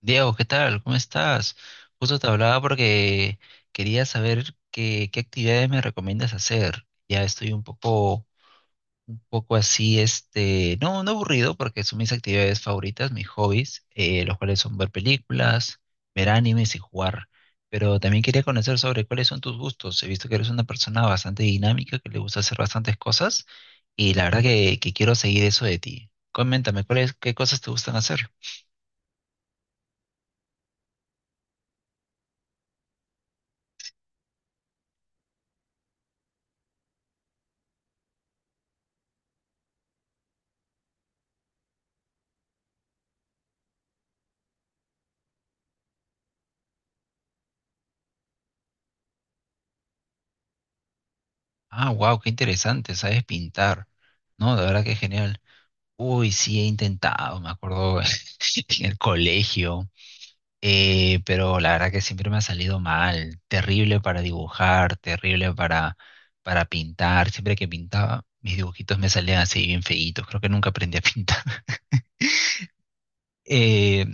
Diego, ¿qué tal? ¿Cómo estás? Justo te hablaba porque quería saber qué actividades me recomiendas hacer. Ya estoy un poco así, no, no aburrido porque son mis actividades favoritas, mis hobbies, los cuales son ver películas, ver animes y jugar. Pero también quería conocer sobre cuáles son tus gustos. He visto que eres una persona bastante dinámica, que le gusta hacer bastantes cosas y la verdad que quiero seguir eso de ti. Coméntame, ¿cuáles, qué cosas te gustan hacer? Ah, wow, qué interesante, sabes pintar. No, de verdad que genial. Uy, sí, he intentado, me acuerdo en el colegio, pero la verdad que siempre me ha salido mal. Terrible para dibujar, para pintar. Siempre que pintaba, mis dibujitos me salían así bien feitos. Creo que nunca aprendí a pintar. Eh,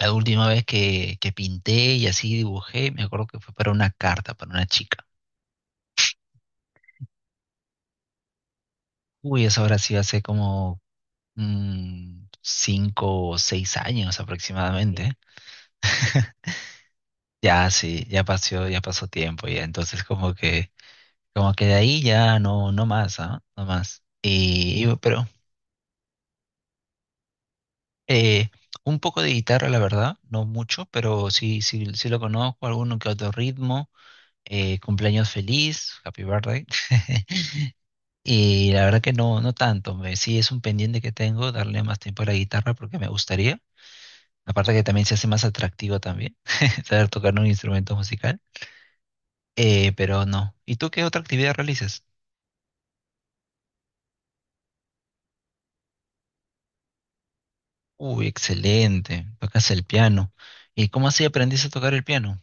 la última vez que pinté y así dibujé, me acuerdo que fue para una carta, para una chica. Uy, eso ahora sí hace como cinco o seis años. Sí, aproximadamente. Ya sí, ya pasó tiempo ya. Entonces como que de ahí ya no, no más, ¿ah? No más. Pero eh, un poco de guitarra, la verdad, no mucho, pero sí lo conozco, alguno que otro ritmo, cumpleaños feliz, happy birthday. Y la verdad que no, no tanto. Me, sí es un pendiente que tengo, darle más tiempo a la guitarra porque me gustaría. Aparte que también se hace más atractivo también saber tocar un instrumento musical. Pero no. ¿Y tú qué otra actividad realizas? Uy, excelente. Tocas el piano. ¿Y cómo así aprendiste a tocar el piano?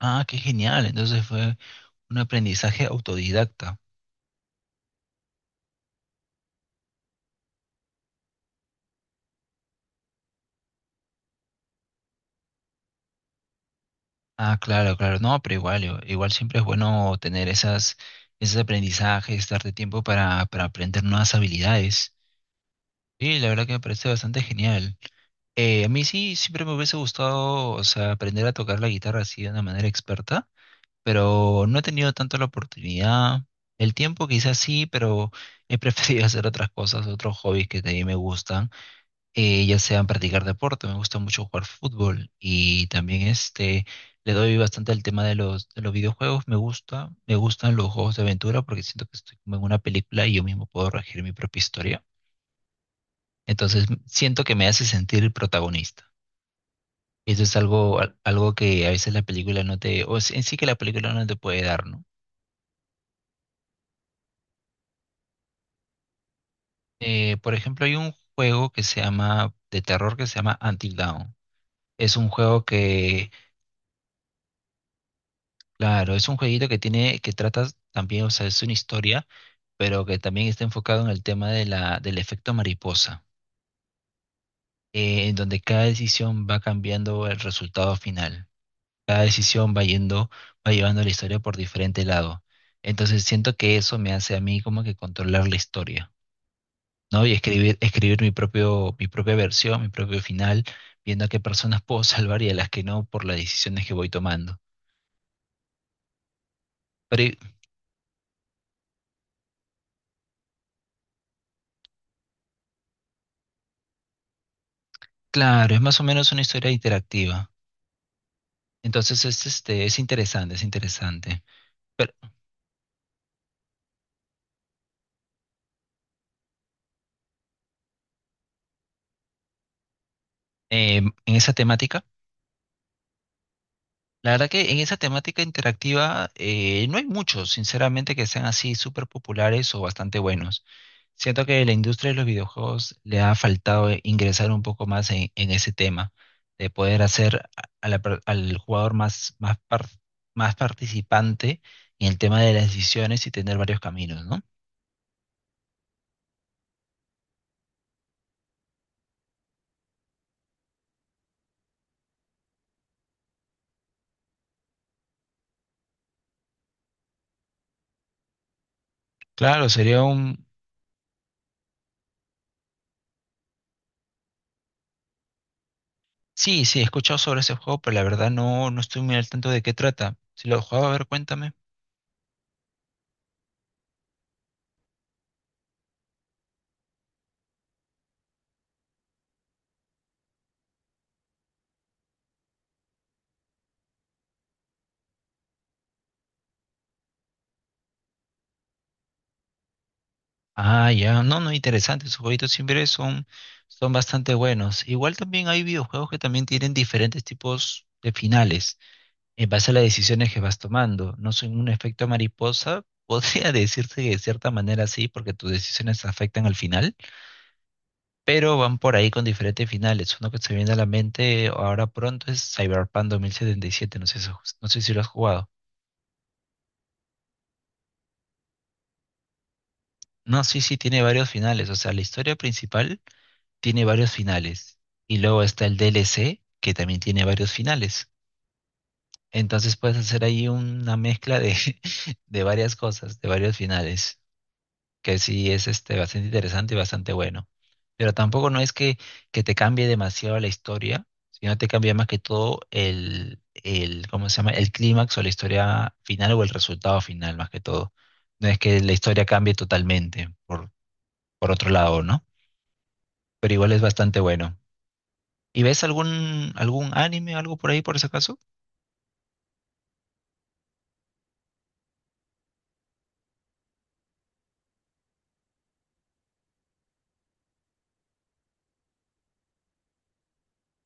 Ah, qué genial. Entonces fue un aprendizaje autodidacta. Ah, claro, claro. No, pero igual, igual siempre es bueno tener esas, esos aprendizajes, darte tiempo para aprender nuevas habilidades. Y la verdad que me parece bastante genial. A mí sí, siempre me hubiese gustado, o sea, aprender a tocar la guitarra así de una manera experta, pero no he tenido tanto la oportunidad. El tiempo quizás sí, pero he preferido hacer otras cosas, otros hobbies que también me gustan, ya sean practicar deporte, me gusta mucho jugar fútbol y también le doy bastante al tema de de los videojuegos, me gustan los juegos de aventura porque siento que estoy como en una película y yo mismo puedo regir mi propia historia, entonces siento que me hace sentir el protagonista. Eso es algo que a veces la película no te, en sí que la película no te puede dar, ¿no? Por ejemplo, hay un juego que se llama, de terror que se llama Until Dawn. Es un juego que, claro, es un jueguito que tiene, que trata también, o sea, es una historia, pero que también está enfocado en el tema de la, del efecto mariposa, en donde cada decisión va cambiando el resultado final. Cada decisión va yendo, va llevando la historia por diferente lado. Entonces siento que eso me hace a mí como que controlar la historia. ¿No? Y escribir, escribir mi propia versión, mi propio final, viendo a qué personas puedo salvar y a las que no por las decisiones que voy tomando. Pero y- claro, es más o menos una historia interactiva. Entonces es, este, es interesante, es interesante. Pero, en esa temática. La verdad que en esa temática interactiva no hay muchos, sinceramente, que sean así súper populares o bastante buenos. Siento que la industria de los videojuegos le ha faltado ingresar un poco más en ese tema, de poder hacer a la al jugador más, más participante en el tema de las decisiones y tener varios caminos, ¿no? Claro, sería un... Sí, sí, he escuchado sobre ese juego, pero la verdad no, no estoy muy al tanto de qué trata. Si lo he jugado, a ver, cuéntame. Ah, ya, no, no, interesante, sus jueguitos siempre son, son bastante buenos. Igual también hay videojuegos que también tienen diferentes tipos de finales en base a las decisiones que vas tomando. No son un efecto mariposa, podría decirse que de cierta manera sí, porque tus decisiones afectan al final, pero van por ahí con diferentes finales. Uno que se viene a la mente ahora pronto es Cyberpunk 2077, no sé si lo has jugado. No, sí, sí, tiene varios finales, o sea, la historia principal tiene varios finales. Y luego está el DLC, que también tiene varios finales. Entonces puedes hacer ahí una mezcla de, de varias cosas, de varios finales, que sí es este, bastante interesante y bastante bueno. Pero tampoco no es que te cambie demasiado la historia, sino te cambia más que todo ¿cómo se llama? El clímax o la historia final o el resultado final, más que todo. No es que la historia cambie totalmente, por otro lado, ¿no? Pero igual es bastante bueno. ¿Y ves algún anime, algo por ahí, por ese caso?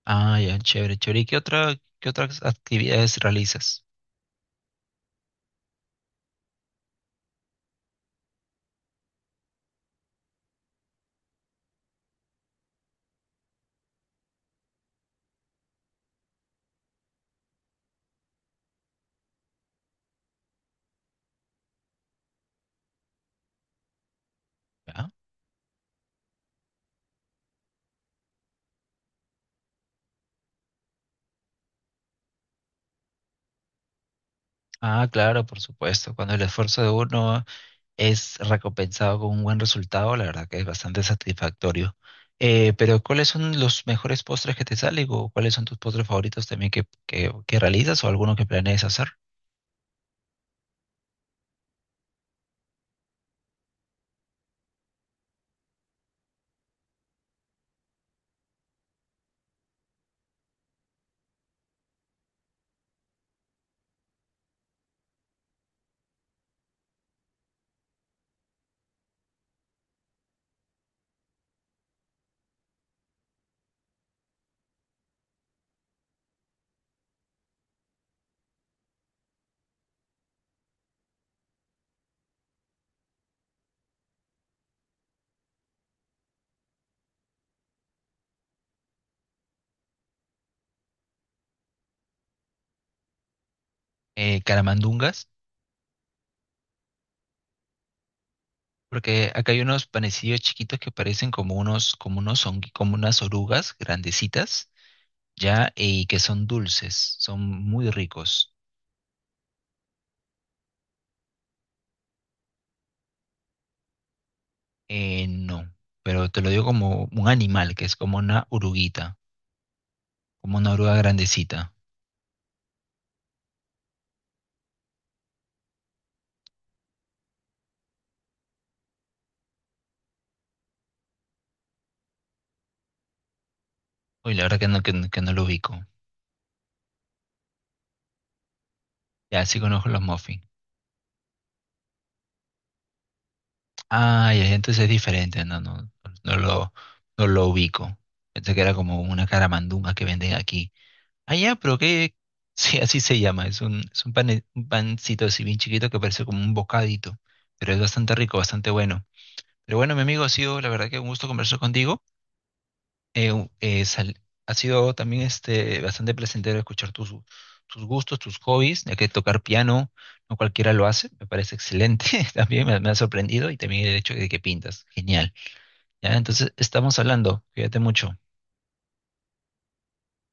Ah, ya, chévere, chévere. ¿Y qué otras actividades realizas? ¿Ya? Ah, claro, por supuesto. Cuando el esfuerzo de uno es recompensado con un buen resultado, la verdad que es bastante satisfactorio. Pero ¿cuáles son los mejores postres que te salen o cuáles son tus postres favoritos también que realizas o alguno que planees hacer? Caramandungas, porque acá hay unos panecillos chiquitos que parecen como unos, como unas orugas grandecitas, ¿ya? Y que son dulces, son muy ricos. No, pero te lo digo como un animal, que es como una oruguita, como una oruga grandecita. Uy, la verdad que no, no que no lo ubico. Ya, sí conozco los muffins. Ah, ya, entonces es diferente, no, no, no lo, no lo ubico. Pensé que era como una caramandunga que venden aquí. Ah, ya, pero qué, sí, así se llama, es un un pancito así bien chiquito que parece como un bocadito, pero es bastante rico, bastante bueno. Pero bueno, mi amigo, ha sido la verdad que un gusto conversar contigo. Eh, un- eh, sal- Ha sido también bastante placentero escuchar tus, tus gustos, tus hobbies, ya que tocar piano no cualquiera lo hace, me parece excelente. También me ha sorprendido y también el hecho de que pintas. Genial. Ya, entonces estamos hablando. Cuídate mucho.